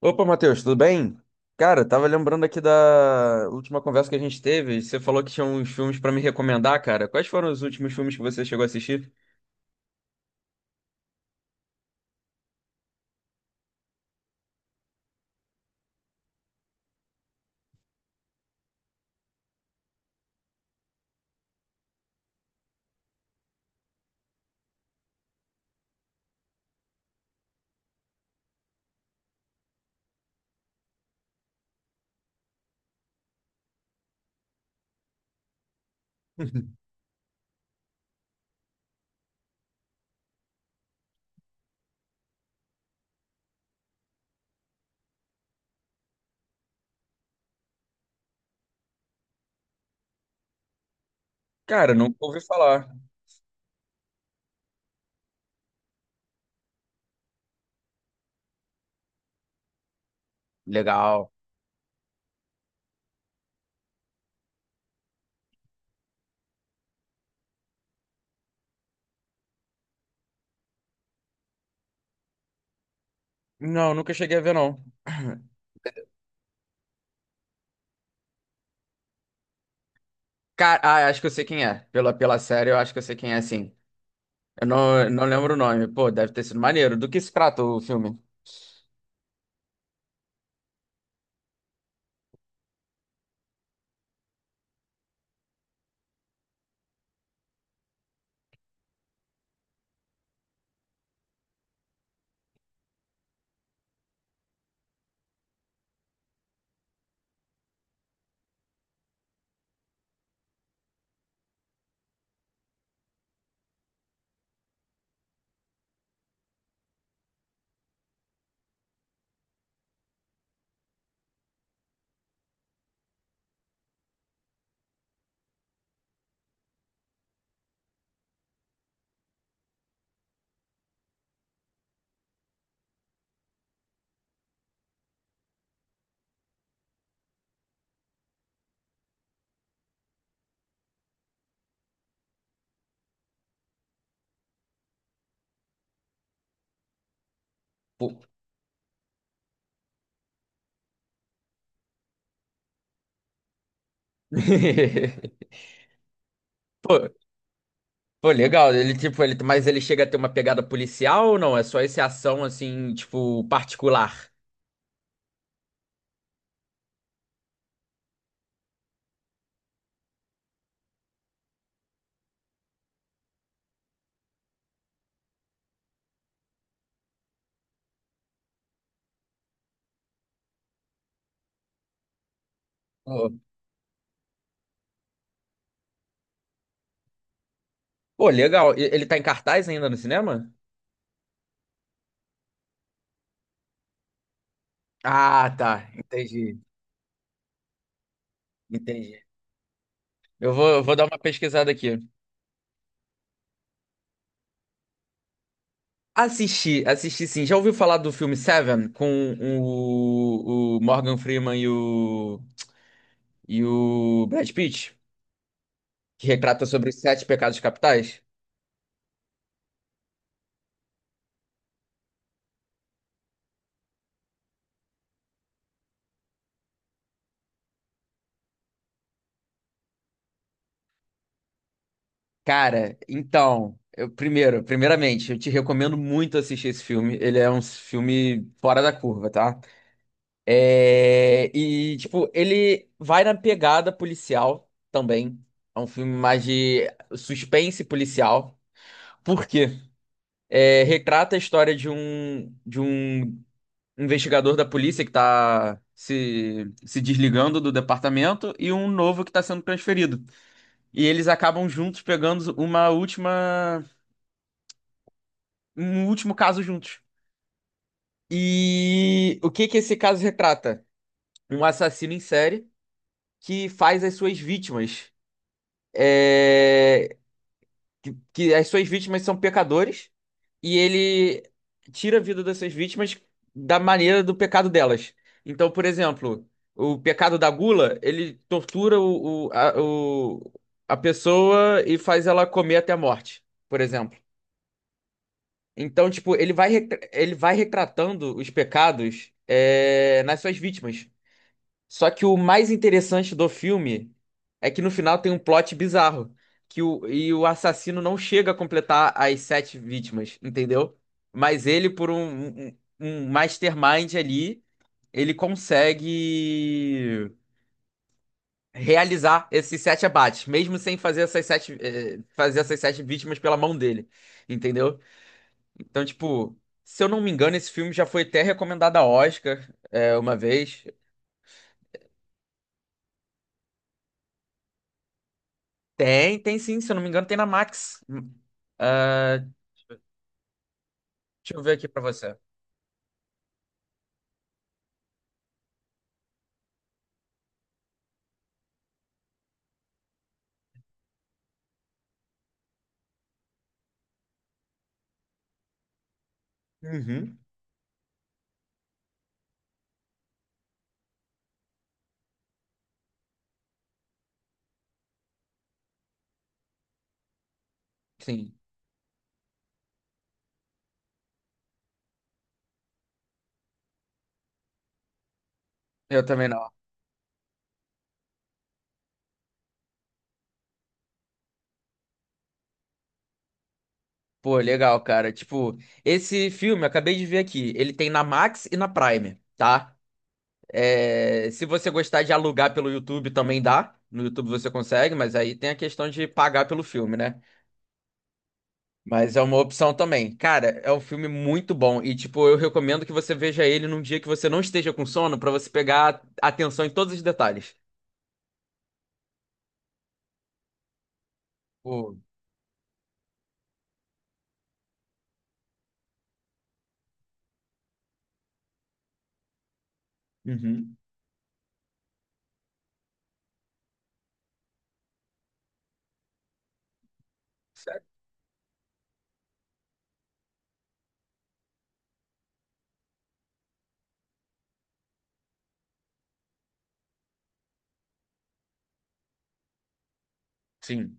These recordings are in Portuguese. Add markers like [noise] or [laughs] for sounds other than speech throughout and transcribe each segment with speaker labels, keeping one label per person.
Speaker 1: Opa, Matheus, tudo bem? Cara, tava lembrando aqui da última conversa que a gente teve Você falou que tinha uns filmes pra me recomendar, cara. Quais foram os últimos filmes que você chegou a assistir? [laughs] Cara, nunca ouvi falar. Legal. Não, nunca cheguei a ver, não. [clears throat] Cara, acho que eu sei quem é. Pela série, eu acho que eu sei quem é, sim. Eu não lembro o nome. Pô, deve ter sido maneiro. Do que se trata o filme? Pô, [laughs] pô, pô, legal. Ele, tipo, ele, mas ele chega a ter uma pegada policial ou não? É só esse ação, assim, tipo, particular? Ó. Pô, legal. E- Ele tá em cartaz ainda no cinema? Ah, tá. Entendi. Entendi. Eu vou dar uma pesquisada aqui. Assisti, assisti sim. Já ouviu falar do filme Seven com o Morgan Freeman e o Brad Pitt? Que retrata sobre os sete pecados capitais? Cara, então, eu, primeiro, primeiramente, eu te recomendo muito assistir esse filme. Ele é um filme fora da curva, tá? É, e, tipo, ele vai na pegada policial também. É um filme mais de suspense policial. Por quê? É, retrata a história de um investigador da polícia que tá se desligando do departamento e um novo que tá sendo transferido. E eles acabam juntos pegando um último caso juntos. E o que que esse caso retrata? Um assassino em série que faz as suas vítimas. é, que as suas vítimas são pecadores e ele tira a vida dessas vítimas da maneira do pecado delas. Então, por exemplo, o pecado da gula, ele tortura a pessoa e faz ela comer até a morte, por exemplo. Então, tipo, ele vai, ele vai retratando os pecados, nas suas vítimas. Só que o mais interessante do filme é que no final tem um plot bizarro, e o assassino não chega a completar as sete vítimas, entendeu? Mas ele, por um mastermind ali, ele consegue realizar esses sete abates, mesmo sem fazer fazer essas sete vítimas pela mão dele, entendeu? Então, tipo, se eu não me engano, esse filme já foi até recomendado a Oscar, uma vez. Tem, tem sim, se eu não me engano, tem na Max. Ah, deixa eu ver aqui pra você. Uhum. Sim, eu também não. Pô, legal, cara. Tipo, esse filme, eu acabei de ver aqui, ele tem na Max e na Prime, tá? É, se você gostar de alugar pelo YouTube, também dá. No YouTube você consegue, mas aí tem a questão de pagar pelo filme, né? Mas é uma opção também. Cara, é um filme muito bom e, tipo, eu recomendo que você veja ele num dia que você não esteja com sono pra você pegar atenção em todos os detalhes. Pô, Uhum. Certo? Sim.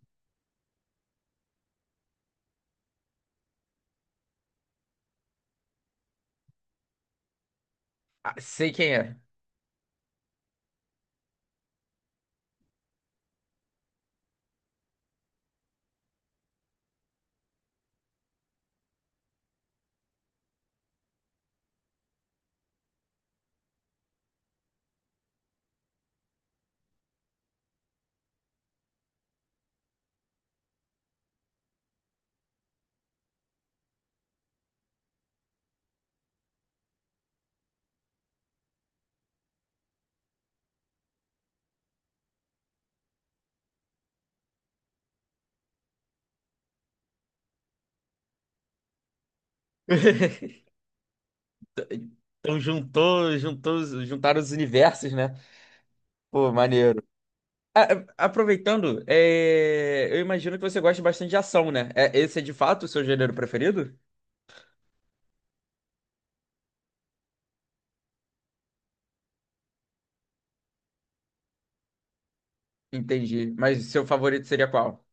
Speaker 1: Ah, sei quem é. [laughs] Então juntou, juntou, os- juntaram os universos, né? Pô, maneiro. A- Aproveitando, é, eu imagino que você gosta bastante de ação, né? É- Esse é de fato o seu gênero preferido? Entendi. Mas seu favorito seria qual?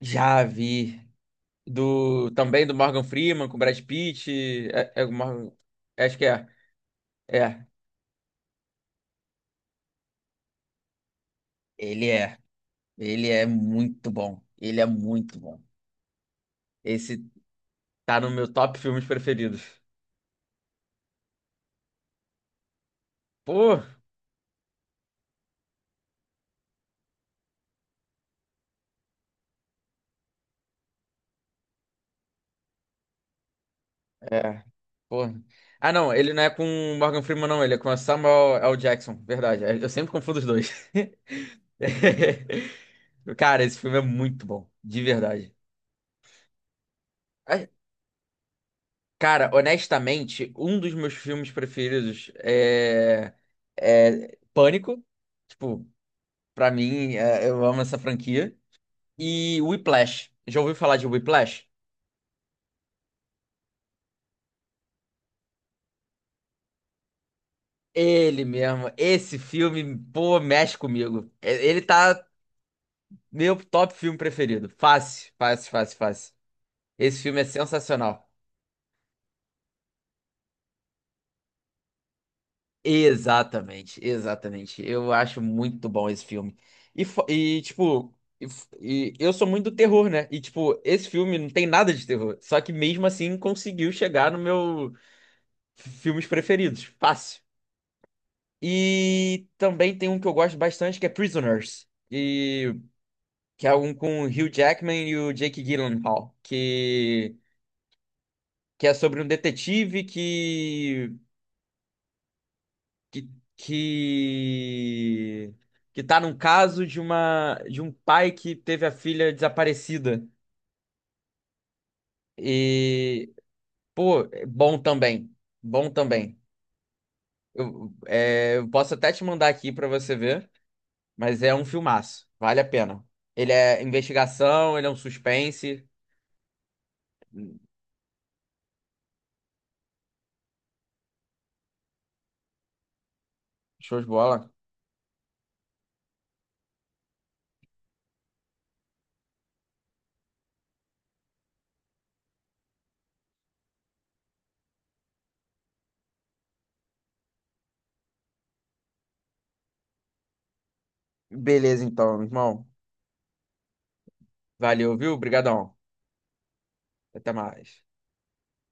Speaker 1: Já vi. Do também do Morgan Freeman com Brad Pitt. É o Morgan- acho que é. É. Ele é. Ele é muito bom. Ele é muito bom. Esse Tá no meu top filmes preferidos. Pô, É. pô. Ah, não, ele não é com o Morgan Freeman, não. Ele é com a Samuel L. Jackson. Verdade. Eu sempre confundo os dois. [laughs] Cara, esse filme é muito bom. De verdade. Ai, Cara, honestamente, um dos meus filmes preferidos é Pânico. Tipo, pra mim, é- eu amo essa franquia. E Whiplash. Já ouviu falar de Whiplash? Ele mesmo, esse filme, pô, mexe comigo. E- Ele tá Meu top filme preferido. Fácil, fácil, fácil, fácil. Esse filme é sensacional. Exatamente, exatamente. Eu acho muito bom esse filme. E, fo- e, tipo, e eu sou muito do terror, né? E, tipo, esse filme não tem nada de terror. Só que mesmo assim conseguiu chegar no meu f- filmes preferidos. Fácil. E também tem um que eu gosto bastante que é Prisoners. E, que é um com o Hugh Jackman e o Jake Gyllenhaal. Que é sobre um detetive que que que tá num caso de uma de um pai que teve a filha desaparecida. E pô, é bom também. Bom também. Eu posso até te mandar aqui pra você ver, mas é um filmaço, vale a pena. Ele é investigação, ele é um suspense, show de bola. Beleza então, irmão. Valeu, viu? Obrigadão. Até mais.